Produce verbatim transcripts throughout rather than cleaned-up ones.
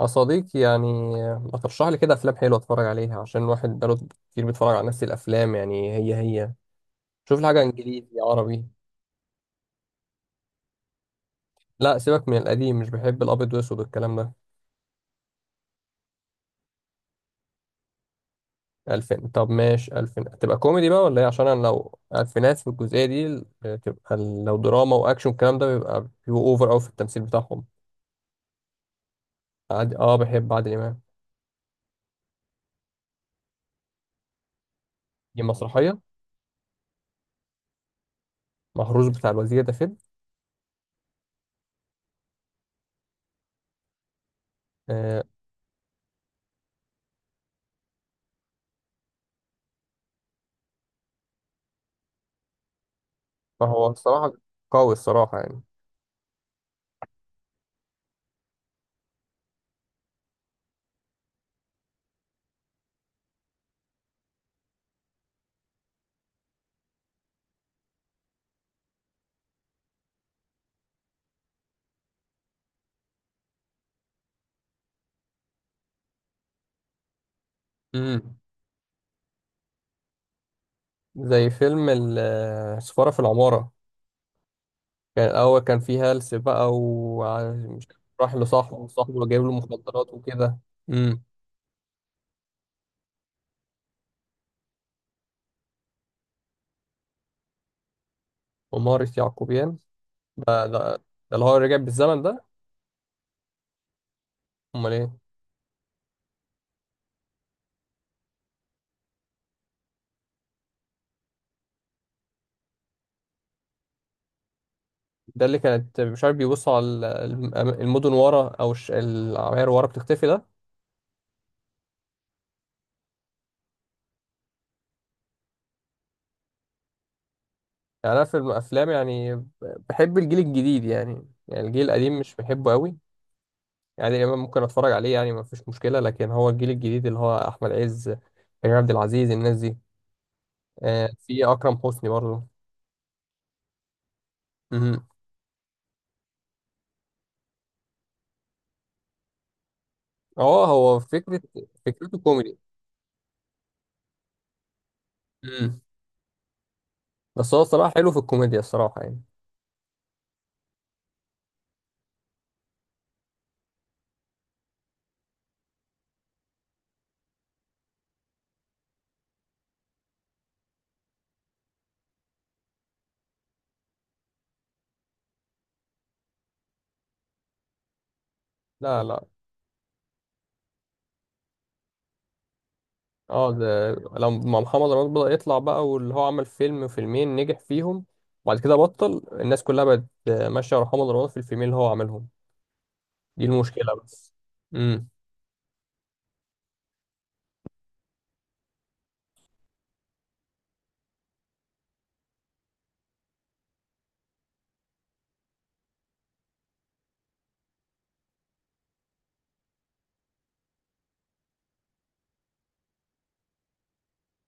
يا صديقي يعني، ما ترشح لي كده افلام حلوه اتفرج عليها عشان الواحد بقاله كتير بيتفرج على نفس الافلام، يعني هي هي. شوف لي حاجه انجليزي عربي. لا سيبك من القديم، مش بحب الابيض والاسود والكلام ده. الفين؟ طب ماشي، الفين تبقى كوميدي بقى ولا ايه؟ عشان انا لو الفينات في الجزئيه دي تبقى، لو دراما واكشن الكلام ده بيبقى بيبقوا اوفر قوي في التمثيل بتاعهم. عادي اه، بحب عادل امام. دي مسرحيه؟ مهروس بتاع الوزير ده فيلم؟ آه. فهو الصراحه قوي الصراحه يعني. مم. زي فيلم ال- السفارة في العمارة. كان الأول كان فيه هلس بقى ومش راح لصاحبه، وصاحبه جايب له مخدرات وكده. امم. ومارس يعقوبيان. ده, ده, ده اللي هو رجع بالزمن ده. أمال إيه؟ ده اللي كانت مش عارف بيبص على ال- الم- المدن ورا، أو الش- العماير ورا بتختفي ده. يعني أنا في الأفلام، يعني ب- بحب الجيل الجديد، يعني يعني الجيل القديم مش بحبه قوي، يعني ممكن أتفرج عليه يعني مفيش مشكلة، لكن هو الجيل الجديد اللي هو أحمد عز، كريم عبد العزيز، الناس دي. آه في اكرم حسني برضه. مهم. اه هو فكره، فكرته كوميدي. مم. بس هو الصراحه حلو في الكوميديا الصراحه يعني. لا، لا. اه ده لما محمد رمضان بدأ يطلع بقى، واللي هو عمل فيلم فيلمين نجح فيهم، وبعد كده بطل الناس كلها بقت آه، ماشيه ورا محمد رمضان في الفيلمين اللي هو عاملهم. دي المشكله بس. امم.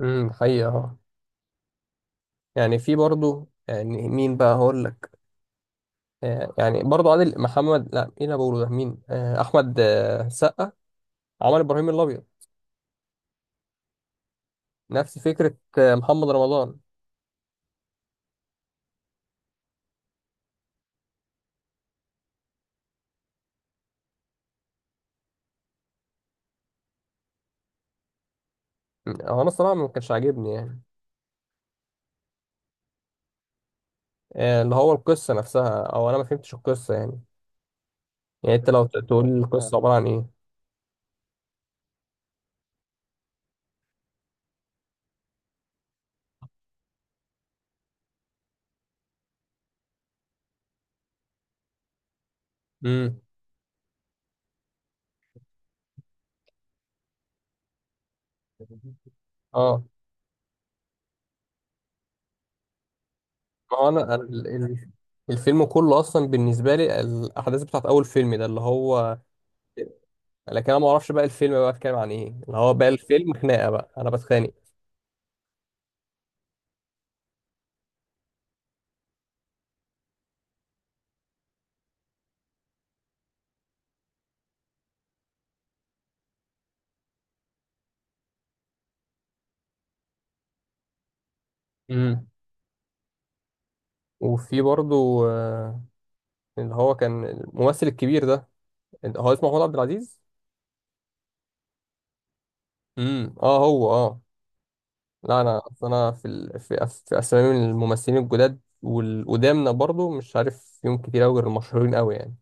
امم حقيقه اه. يعني في برضه، يعني مين بقى هقول لك؟ آه يعني برضه عادل محمد، لا، مين اللي بقوله ده، مين؟ آه احمد آه سقا عمل ابراهيم الابيض، نفس فكرة آه، محمد رمضان. هو أنا الصراحة ما كانش عاجبني يعني. آه، اللي هو القصة نفسها، أو أنا ما فهمتش القصة يعني. يعني أنت لو ت- تقول لي القصة عبارة عن إيه؟ امم. أه. ما هو أنا ال- ال- الفيلم كله أصلا بالنسبة لي الأحداث بتاعت أول فيلم ده اللي هو، لكن أنا ما أعرفش بقى الفيلم بقى بيتكلم عن إيه، اللي هو بقى الفيلم خناقة بقى أنا بتخانق. امم. وفي برضو آه، اللي هو كان الممثل الكبير ده، هو اسمه محمود عبد العزيز. امم اه هو اه. لا انا اصل انا في ال... في, أس... في اسامي من الممثلين الجداد والقدامنا برضو مش عارف فيهم كتير قوي غير المشهورين قوي يعني.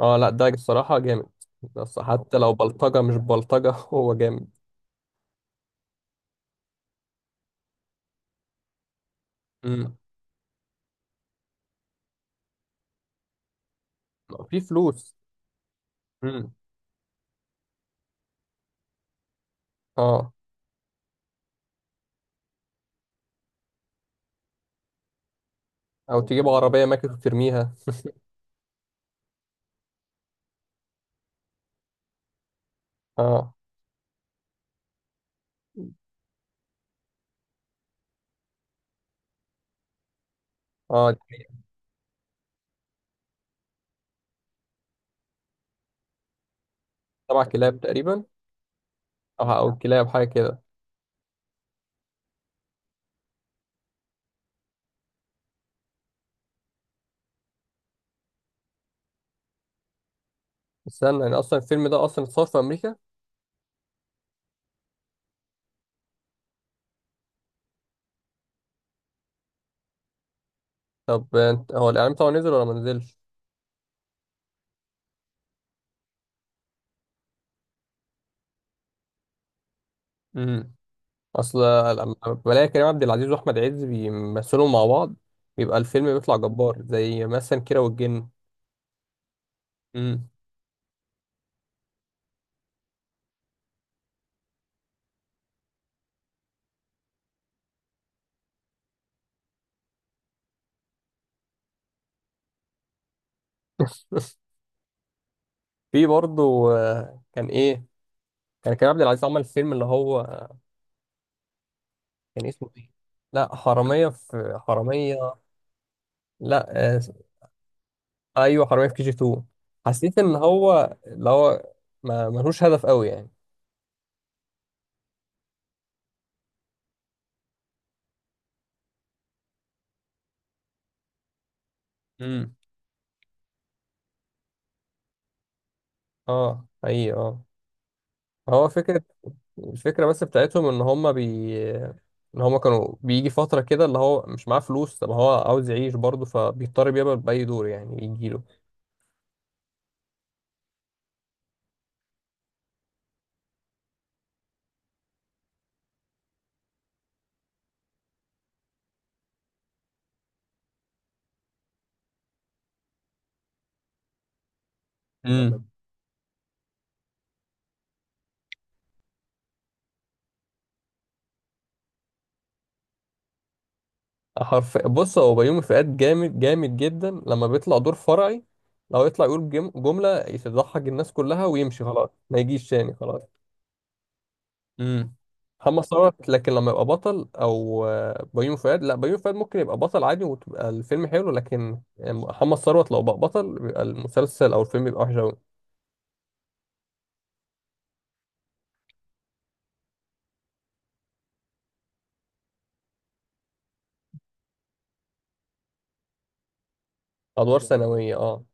اه، لا ده الصراحه جامد، بس حتى لو بلطجه مش بلطجه هو جامد. امم. في فلوس. امم اه. او تجيب عربيه ماكس وترميها. اه، اه. سبع كلاب تقريبا، او او كلاب حاجه كده. استنى، يعني اصلا الفيلم ده اصلا اتصور في امريكا؟ طب انت هو الاعلان بتاعه نزل ولا ما نزلش؟ اصل لما بلاقي كريم عبد العزيز واحمد عز بيمثلوا مع بعض بيبقى الفيلم بيطلع جبار، زي مثلا كيرة والجن. امم. في برضه آه، كان ايه، كان كريم عبد العزيز عمل فيلم اللي هو آه، كان اسمه ايه؟ لا حرامية في حرامية، لا آه، ايوه، حرامية في كي جي تو. حسيت ان هو اللي هو ما ملوش هدف قوي يعني. امم اه حقيقي اه. هو فكرة، الفكرة بس بتاعتهم ان هما بي ان هما كانوا بيجي فترة كده اللي هو مش معاه فلوس، طب هو عاوز يعيش برضه فبيضطر يقبل بأي دور يعني يجيله. امم. حرف، بص هو بيومي فؤاد جامد جامد جدا لما بيطلع دور فرعي، لو يطلع يقول جم- جملة تضحك الناس كلها ويمشي خلاص، ما يجيش تاني خلاص. امم. محمد ثروت، لكن لما يبقى بطل، او آه، بيومي فؤاد، لا، بيومي فؤاد ممكن يبقى بطل عادي وتبقى الفيلم حلو، لكن محمد ثروت لو بقى بطل بيبقى المسلسل او الفيلم بيبقى وحش أوي. ادوار ثانويه اه.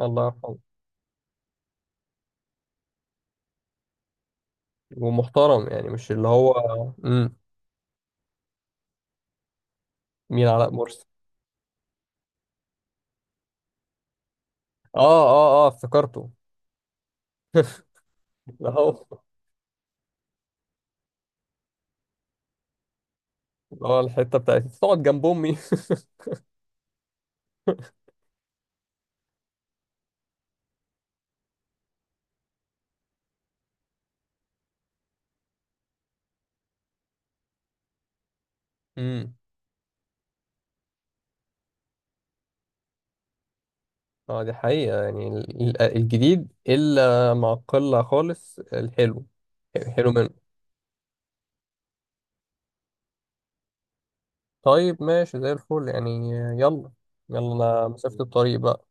الله يرحمه. ومحترم يعني، مش اللي هو. امم. مين علاء مرسي؟ اه، اه، اه، افتكرته. اللي هو اللي هو الحته بتاعت تقعد جنب امي. امم. اه، دي حقيقه، يعني ال- ال- الجديد الا مع قله خالص الحلو. حلو منه. طيب ماشي زي الفل يعني. يلا. يلا. انا مسافه الطريق بقى.